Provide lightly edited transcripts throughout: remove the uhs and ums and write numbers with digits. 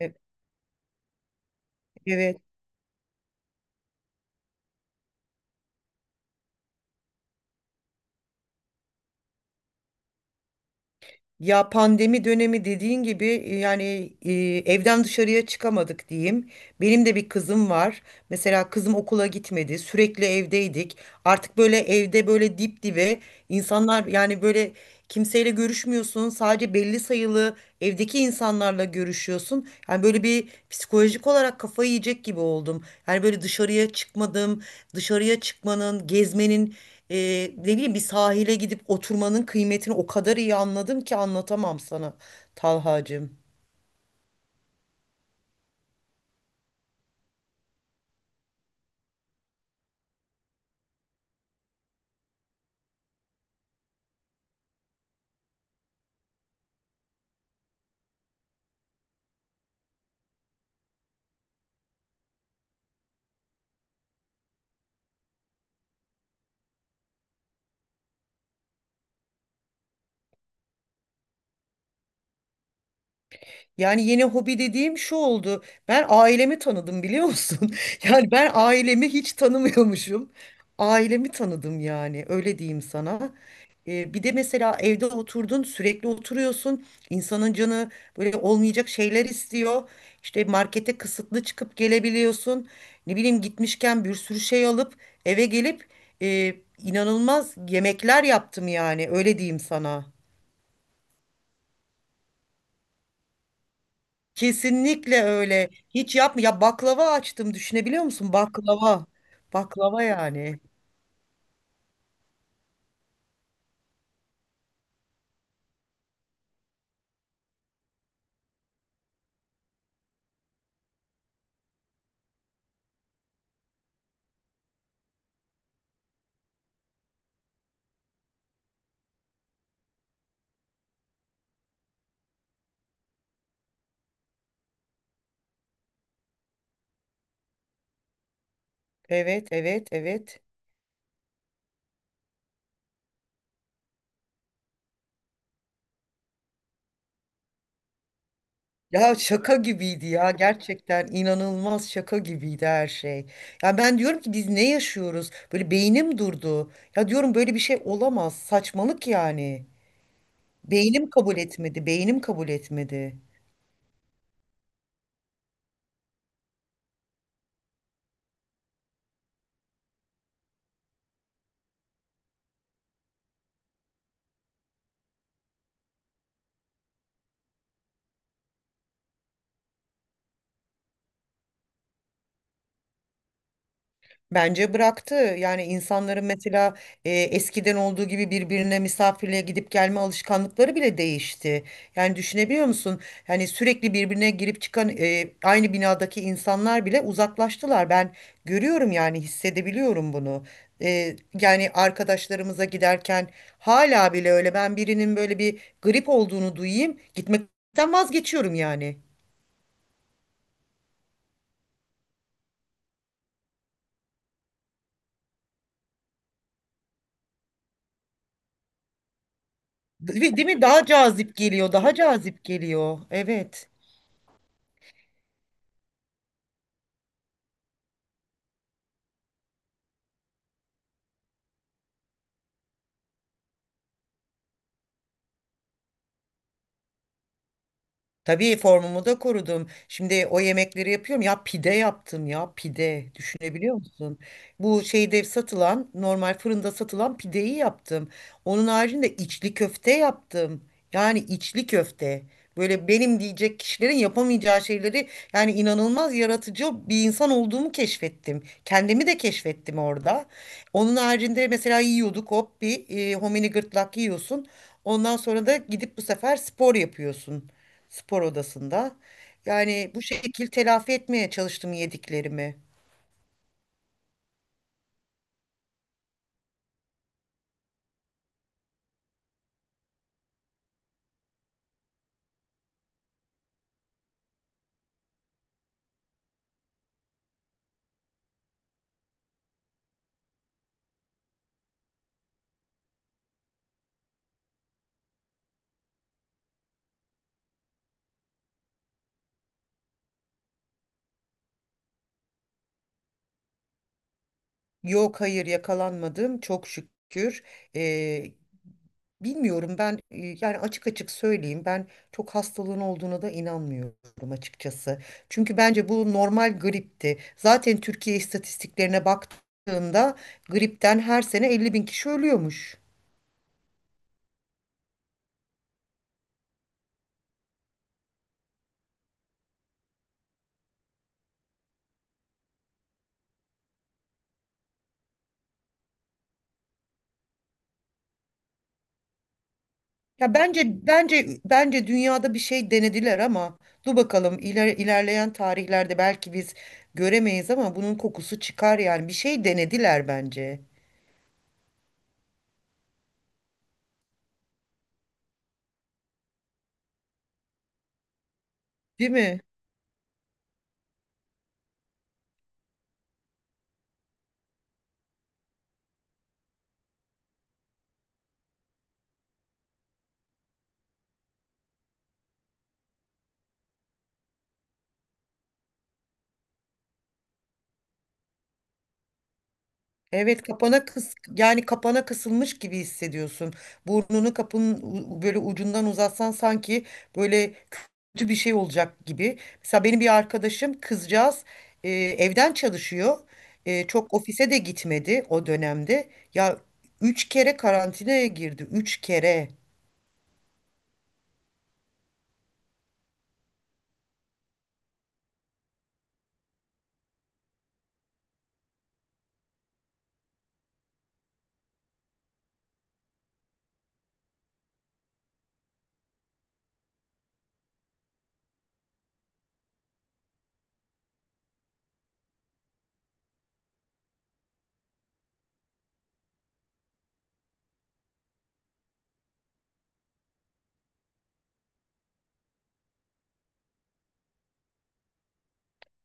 E- Evet. Ya pandemi dönemi dediğin gibi yani e, evden dışarıya çıkamadık diyeyim. Benim de bir kızım var. Mesela kızım okula gitmedi, sürekli evdeydik. Artık böyle evde böyle dip dibe insanlar yani böyle kimseyle görüşmüyorsun. Sadece belli sayılı evdeki insanlarla görüşüyorsun. Yani böyle bir psikolojik olarak kafayı yiyecek gibi oldum. Yani böyle dışarıya çıkmadım. Dışarıya çıkmanın, gezmenin, e, ne bileyim bir sahile gidip oturmanın kıymetini o kadar iyi anladım ki anlatamam sana Talhacığım. Yani yeni hobi dediğim şu oldu. Ben ailemi tanıdım biliyor musun? Yani ben ailemi hiç tanımıyormuşum. Ailemi tanıdım yani öyle diyeyim sana. Bir de mesela evde oturdun sürekli oturuyorsun. İnsanın canı böyle olmayacak şeyler istiyor. İşte markete kısıtlı çıkıp gelebiliyorsun. Ne bileyim gitmişken bir sürü şey alıp eve gelip e, inanılmaz yemekler yaptım yani öyle diyeyim sana. Kesinlikle öyle. Hiç yapma. Ya baklava açtım düşünebiliyor musun? Baklava. Baklava yani. Evet, evet, evet. Ya şaka gibiydi ya gerçekten inanılmaz şaka gibiydi her şey. Ya ben diyorum ki biz ne yaşıyoruz? Böyle beynim durdu. Ya diyorum böyle bir şey olamaz. Saçmalık yani. Beynim kabul etmedi. Beynim kabul etmedi. Bence bıraktı. Yani insanların mesela eskiden olduğu gibi birbirine misafirliğe gidip gelme alışkanlıkları bile değişti. Yani düşünebiliyor musun? Yani sürekli birbirine girip çıkan aynı binadaki insanlar bile uzaklaştılar. Ben görüyorum yani hissedebiliyorum bunu. E, Yani arkadaşlarımıza giderken hala bile öyle ben birinin böyle bir grip olduğunu duyayım gitmekten vazgeçiyorum yani. Değil değil mi? Daha cazip geliyor, daha cazip geliyor. Evet. Tabii formumu da korudum. Şimdi o yemekleri yapıyorum. Ya pide yaptım ya pide. Düşünebiliyor musun? Bu şeyde satılan normal fırında satılan pideyi yaptım. Onun haricinde içli köfte yaptım. Yani içli köfte. Böyle benim diyecek kişilerin yapamayacağı şeyleri yani inanılmaz yaratıcı bir insan olduğumu keşfettim. Kendimi de keşfettim orada. Onun haricinde mesela yiyorduk hop bir homini gırtlak yiyorsun. Ondan sonra da gidip bu sefer spor yapıyorsun spor odasında. Yani bu şekil telafi etmeye çalıştım yediklerimi. Yok hayır yakalanmadım çok şükür. Ee, Bilmiyorum ben yani açık açık söyleyeyim ben çok hastalığın olduğuna da inanmıyorum açıkçası. Çünkü bence bu normal gripti. Zaten Türkiye istatistiklerine baktığımda gripten her sene 50 bin kişi ölüyormuş. Ya bence dünyada bir şey denediler ama dur bakalım ilerleyen tarihlerde belki biz göremeyiz ama bunun kokusu çıkar yani bir şey denediler bence. Değil mi? Evet kapana kıs yani kapana kısılmış gibi hissediyorsun. Burnunu kapının böyle ucundan uzatsan sanki böyle kötü bir şey olacak gibi. Mesela benim bir arkadaşım kızcağız evden çalışıyor. Çok ofise de gitmedi o dönemde. Ya 3 kere karantinaya girdi. 3 kere.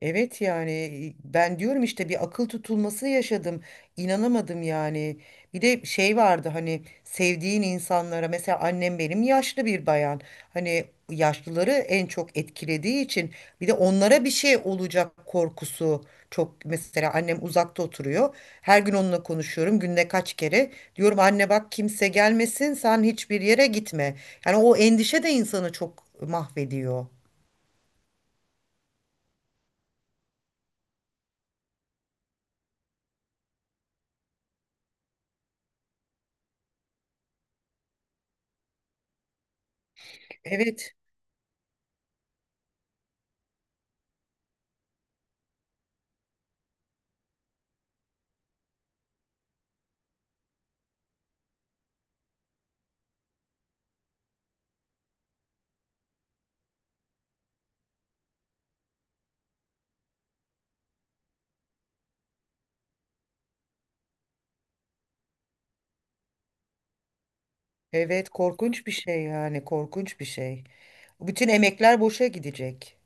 Evet yani ben diyorum işte bir akıl tutulması yaşadım. İnanamadım yani. Bir de şey vardı hani sevdiğin insanlara mesela annem benim yaşlı bir bayan. Hani yaşlıları en çok etkilediği için bir de onlara bir şey olacak korkusu çok mesela annem uzakta oturuyor. Her gün onunla konuşuyorum günde kaç kere. Diyorum anne bak kimse gelmesin sen hiçbir yere gitme. Yani o endişe de insanı çok mahvediyor. Evet. Evet, korkunç bir şey yani, korkunç bir şey. Bütün emekler boşa gidecek.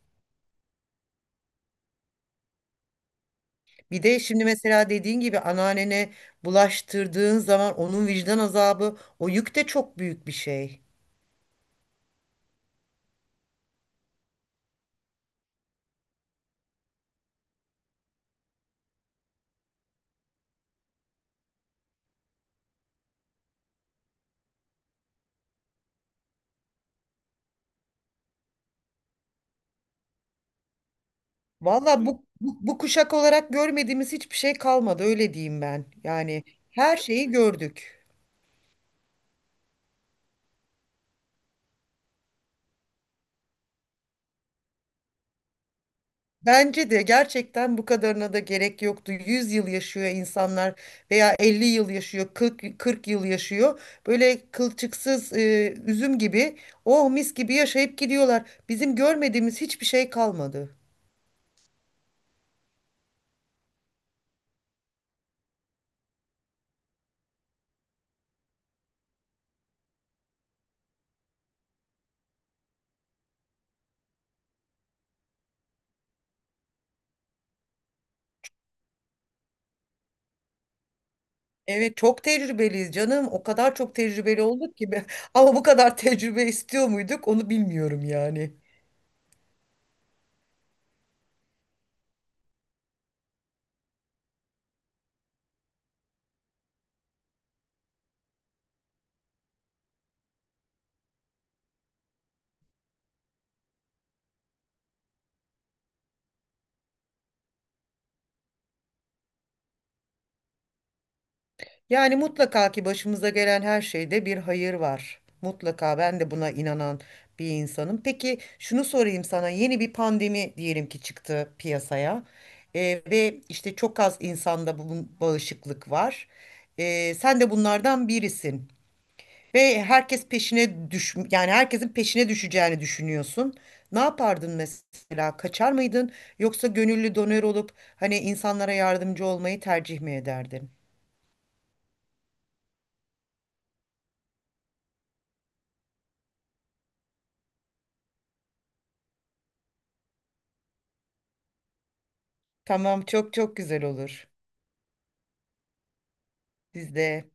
Bir de şimdi mesela dediğin gibi anneannene bulaştırdığın zaman onun vicdan azabı, o yük de çok büyük bir şey. Valla bu kuşak olarak görmediğimiz hiçbir şey kalmadı, öyle diyeyim ben. Yani her şeyi gördük. Bence de gerçekten bu kadarına da gerek yoktu. 100 yıl yaşıyor insanlar veya 50 yıl yaşıyor, 40, 40 yıl yaşıyor. Böyle kılçıksız üzüm gibi, oh mis gibi yaşayıp gidiyorlar. Bizim görmediğimiz hiçbir şey kalmadı. Evet çok tecrübeliyiz canım. O kadar çok tecrübeli olduk ki. Ama bu kadar tecrübe istiyor muyduk onu bilmiyorum yani. Yani mutlaka ki başımıza gelen her şeyde bir hayır var. Mutlaka ben de buna inanan bir insanım. Peki şunu sorayım sana. Yeni bir pandemi diyelim ki çıktı piyasaya. Ve işte çok az insanda bu bağışıklık var. Sen de bunlardan birisin. Ve yani herkesin peşine düşeceğini düşünüyorsun. Ne yapardın mesela? Kaçar mıydın? Yoksa gönüllü donör olup hani insanlara yardımcı olmayı tercih mi ederdin? Tamam çok çok güzel olur. Biz de